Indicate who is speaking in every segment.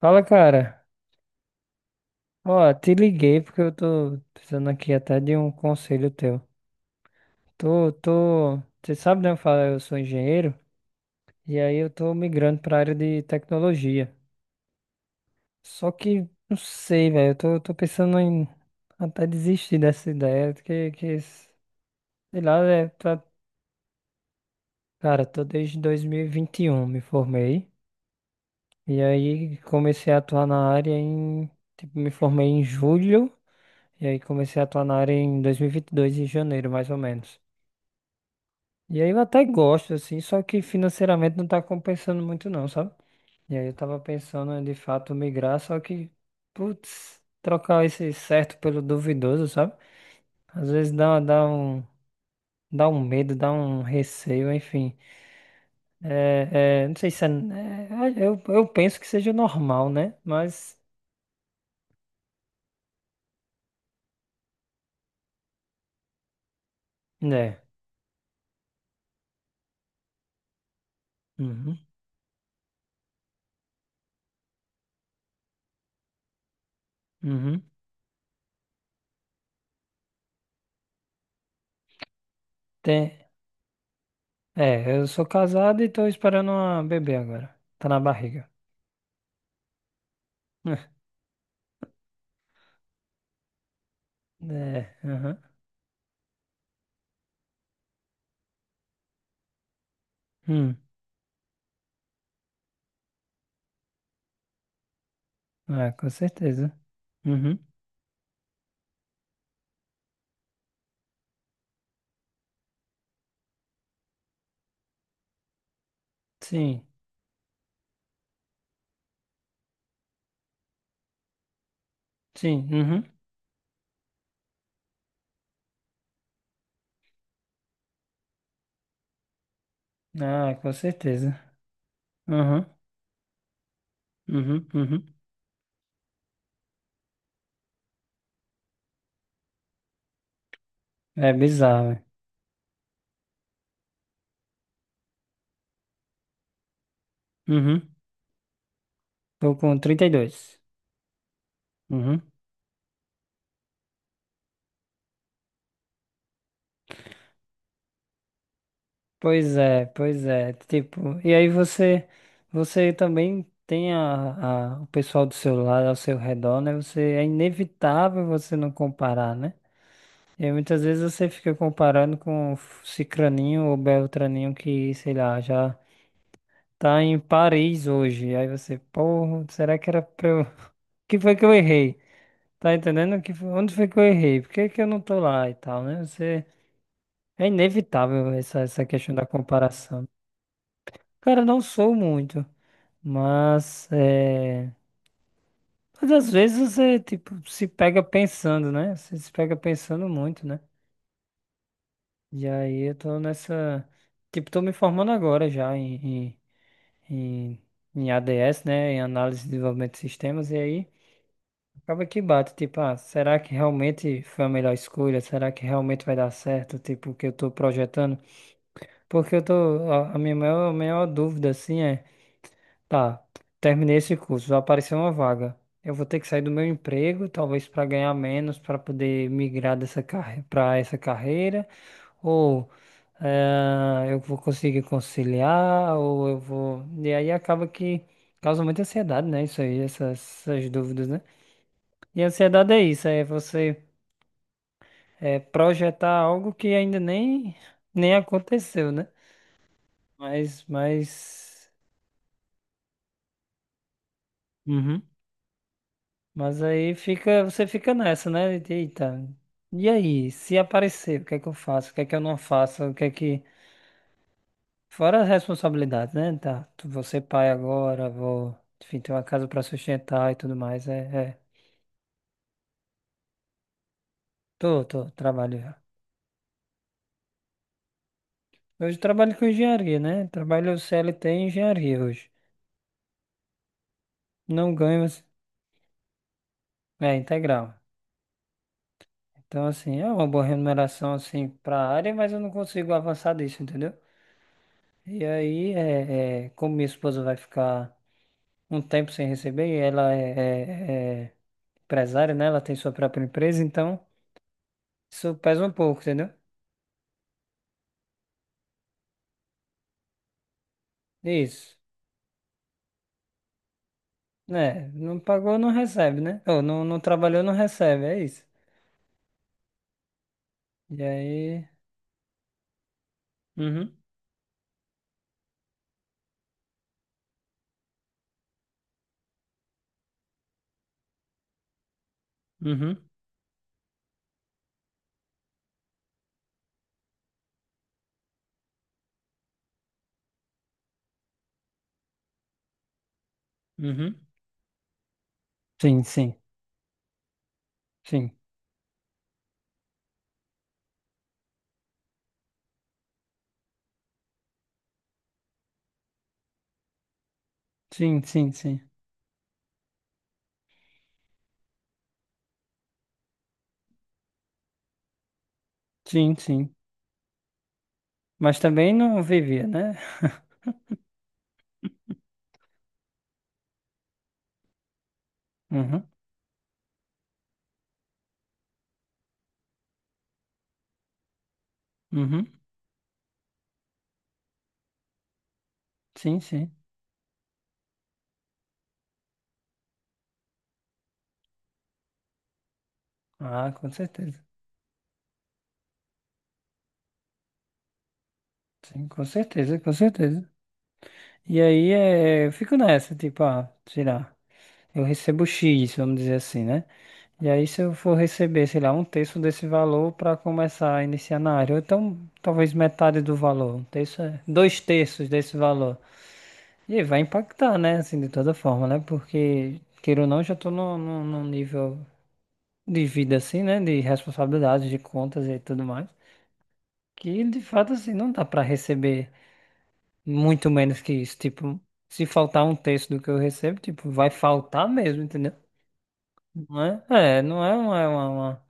Speaker 1: Fala, cara. Ó, te liguei porque eu tô precisando aqui até de um conselho teu. Tô, tô, você sabe, né? Eu falo, eu sou engenheiro e aí eu tô migrando pra área de tecnologia. Só que não sei, velho. Eu tô pensando em até desistir dessa ideia, que sei lá, é, tá, cara, tô desde dois mil e vinte e um, me formei e aí comecei a atuar na área em, tipo, me formei em julho. E aí comecei a atuar na área em dois mil e vinte e dois em janeiro, mais ou menos. E aí eu até gosto, assim, só que financeiramente não tá compensando muito não, sabe? E aí eu tava pensando em, de fato, migrar, só que, putz, trocar esse certo pelo duvidoso, sabe? Às vezes dá um medo, dá um receio, enfim. Não sei se é, eu penso que seja normal, né? Né, uhum, uhum. Tem, é, eu sou casado e tô esperando uma bebê agora. Tá na barriga. É, aham. Uhum. Ah, com certeza. Uhum. Sim, sim, uhum. Ah, com certeza. Uhum, uhum, uhum. É bizarro, né? Uhum. Tô com 32. Uhum. Pois é, pois é. Tipo, e aí você, você também tem o pessoal do seu lado, ao seu redor, né? Você, é inevitável você não comparar, né? E aí muitas vezes você fica comparando com Cicraninho ou Beltraninho que, sei lá, já tá em Paris hoje. Aí você, porra, será que era pra eu... O que foi que eu errei? Tá entendendo? Que onde foi que eu errei? Por que que eu não tô lá e tal, né? Você... É inevitável essa questão da comparação. Cara, não sou muito, mas... É... Mas às vezes você, tipo, se pega pensando, né? Você se pega pensando muito, né? E aí eu tô nessa... Tipo, tô me formando agora já em... em... em- em ADS, né, em análise e desenvolvimento de sistemas. E aí acaba que bate, tipo, ah, será que realmente foi a melhor escolha? Será que realmente vai dar certo? Tipo, o que eu tô projetando? Porque eu tô, a minha maior, maior dúvida, assim, é, tá, terminei esse curso, vai aparecer uma vaga. Eu vou ter que sair do meu emprego, talvez para ganhar menos, para poder migrar dessa carre para essa carreira, ou eh, eu vou conseguir conciliar, ou eu vou. E aí acaba que causa muita ansiedade, né? Isso aí, essas dúvidas, né? E a ansiedade é isso, é você é, projetar algo que ainda nem aconteceu, né? Mas, mas, uhum. Mas aí fica, você fica nessa, né, de, eita, e aí, se aparecer, o que é que eu faço? O que é que eu não faço? O que é que... Fora as responsabilidades, né? Tá, vou ser pai agora, vou, enfim, ter uma casa pra sustentar e tudo mais. É, é. Trabalho já. Hoje eu trabalho com engenharia, né? Trabalho CLT em engenharia hoje. Não ganho, mas- é integral. Então, assim, é uma boa remuneração, assim, para a área, mas eu não consigo avançar disso, entendeu? E aí, como minha esposa vai ficar um tempo sem receber, e ela é empresária, né? Ela tem sua própria empresa, então isso pesa um pouco, entendeu? Isso. Né? Não pagou, não recebe, né? Ou não, não trabalhou, não recebe, é isso. E aí... Uhum, uhum, uhum. Sim, sim, sim. Sim, sim, sim. Sim, sim. Mas também não vivia, né? Uhum. Uhum. Sim, sim. Ah, com certeza. Sim, com certeza, com certeza. E aí é, eu fico nessa, tipo, ah, sei lá, eu recebo X, vamos dizer assim, né? E aí se eu for receber, sei lá, um terço desse valor para começar a iniciar na área, ou então talvez metade do valor, um terço, é- dois terços desse valor. E aí vai impactar, né? Assim, de toda forma, né? Porque, queira ou não, eu já tô num nível de vida assim, né? De responsabilidades, de contas e tudo mais. Que de fato assim não dá para receber muito menos que isso. Tipo, se faltar um terço do que eu recebo, tipo, vai faltar mesmo, entendeu? Não é? É, não uma...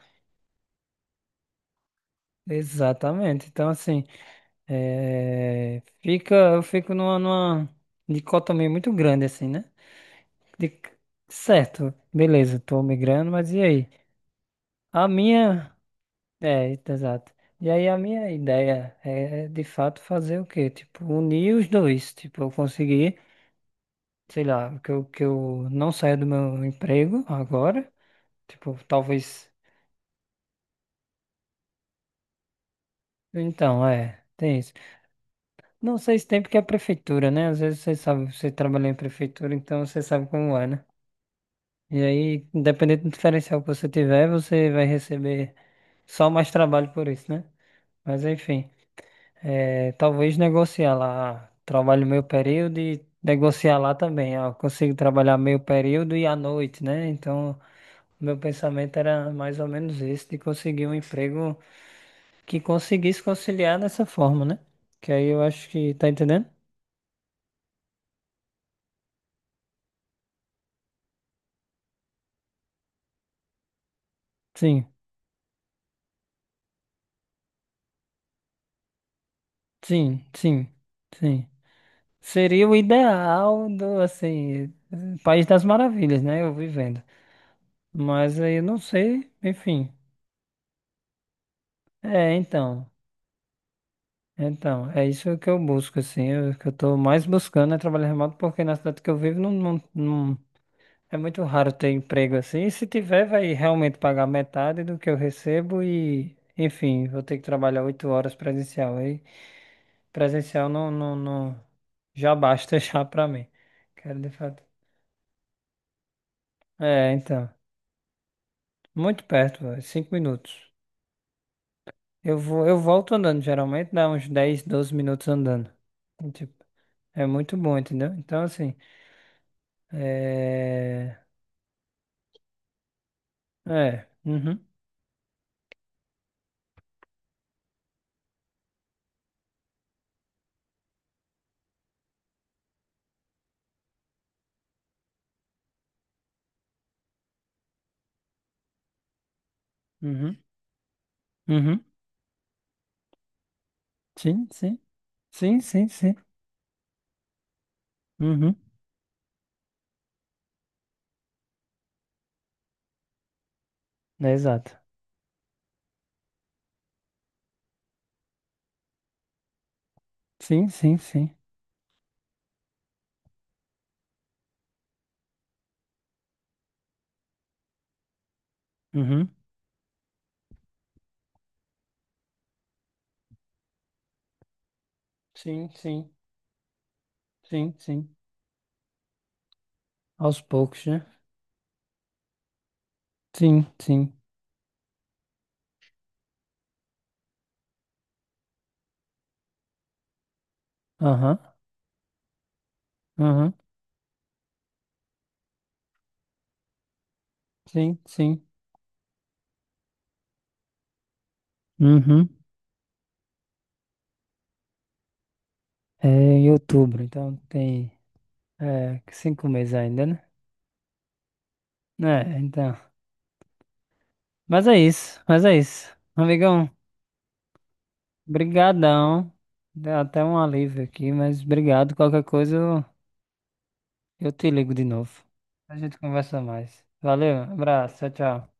Speaker 1: Exatamente. Então, assim, é, fica, eu fico numa dicotomia muito grande, assim, né? De... Certo, beleza, tô migrando, mas e aí? A minha... É, exato. E aí, a minha ideia é, de fato, fazer o quê? Tipo, unir os dois. Tipo, eu conseguir, sei lá, que eu não saia do meu emprego agora. Tipo, talvez. Então, é, tem isso. Não sei se tem porque é a prefeitura, né? Às vezes você sabe, você trabalha em prefeitura, então você sabe como é, né? E aí, independente do diferencial que você tiver, você vai receber só mais trabalho por isso, né? Mas enfim, é, talvez negociar lá, ah, trabalho meio período e negociar lá também. Ah, eu consigo trabalhar meio período e à noite, né? Então. Meu pensamento era mais ou menos esse, de conseguir um emprego que conseguisse conciliar dessa forma, né? Que aí eu acho que, tá entendendo? Sim, sim, sim, sim. Seria o ideal do, assim, País das Maravilhas, né? Eu vivendo. Mas aí eu não sei, enfim. É, então. Então, é isso que eu busco, assim. Eu- o que eu tô mais buscando é trabalho remoto, porque na cidade que eu vivo não, não, não, é muito raro ter emprego assim. E se tiver, vai realmente pagar metade do que eu recebo e, enfim, vou ter que trabalhar 8 horas presencial. Aí, presencial não, não, não, já basta já pra mim. Quero de fato. É, então, muito perto, véio, 5 minutos. Eu vou, eu volto andando, geralmente dá uns 10, 12 minutos andando. E, tipo, é muito bom, entendeu? Então, assim, é, é, uhum, uhum, uhum, sim, sim, sim, sim, sim, uhum, é exato. Sim, sim, sim. Uhum. Sim, sim, sim, sim. Aos poucos, né? Sim, sim. Aham, aham. Sim, sim. Uhum. É em outubro, então tem é, 5 meses ainda, né? É, então. Mas é isso, mas é isso. Amigão, brigadão. Deu até um alívio aqui, mas obrigado. Qualquer coisa eu te ligo de novo. A gente conversa mais. Valeu, abraço, tchau, tchau.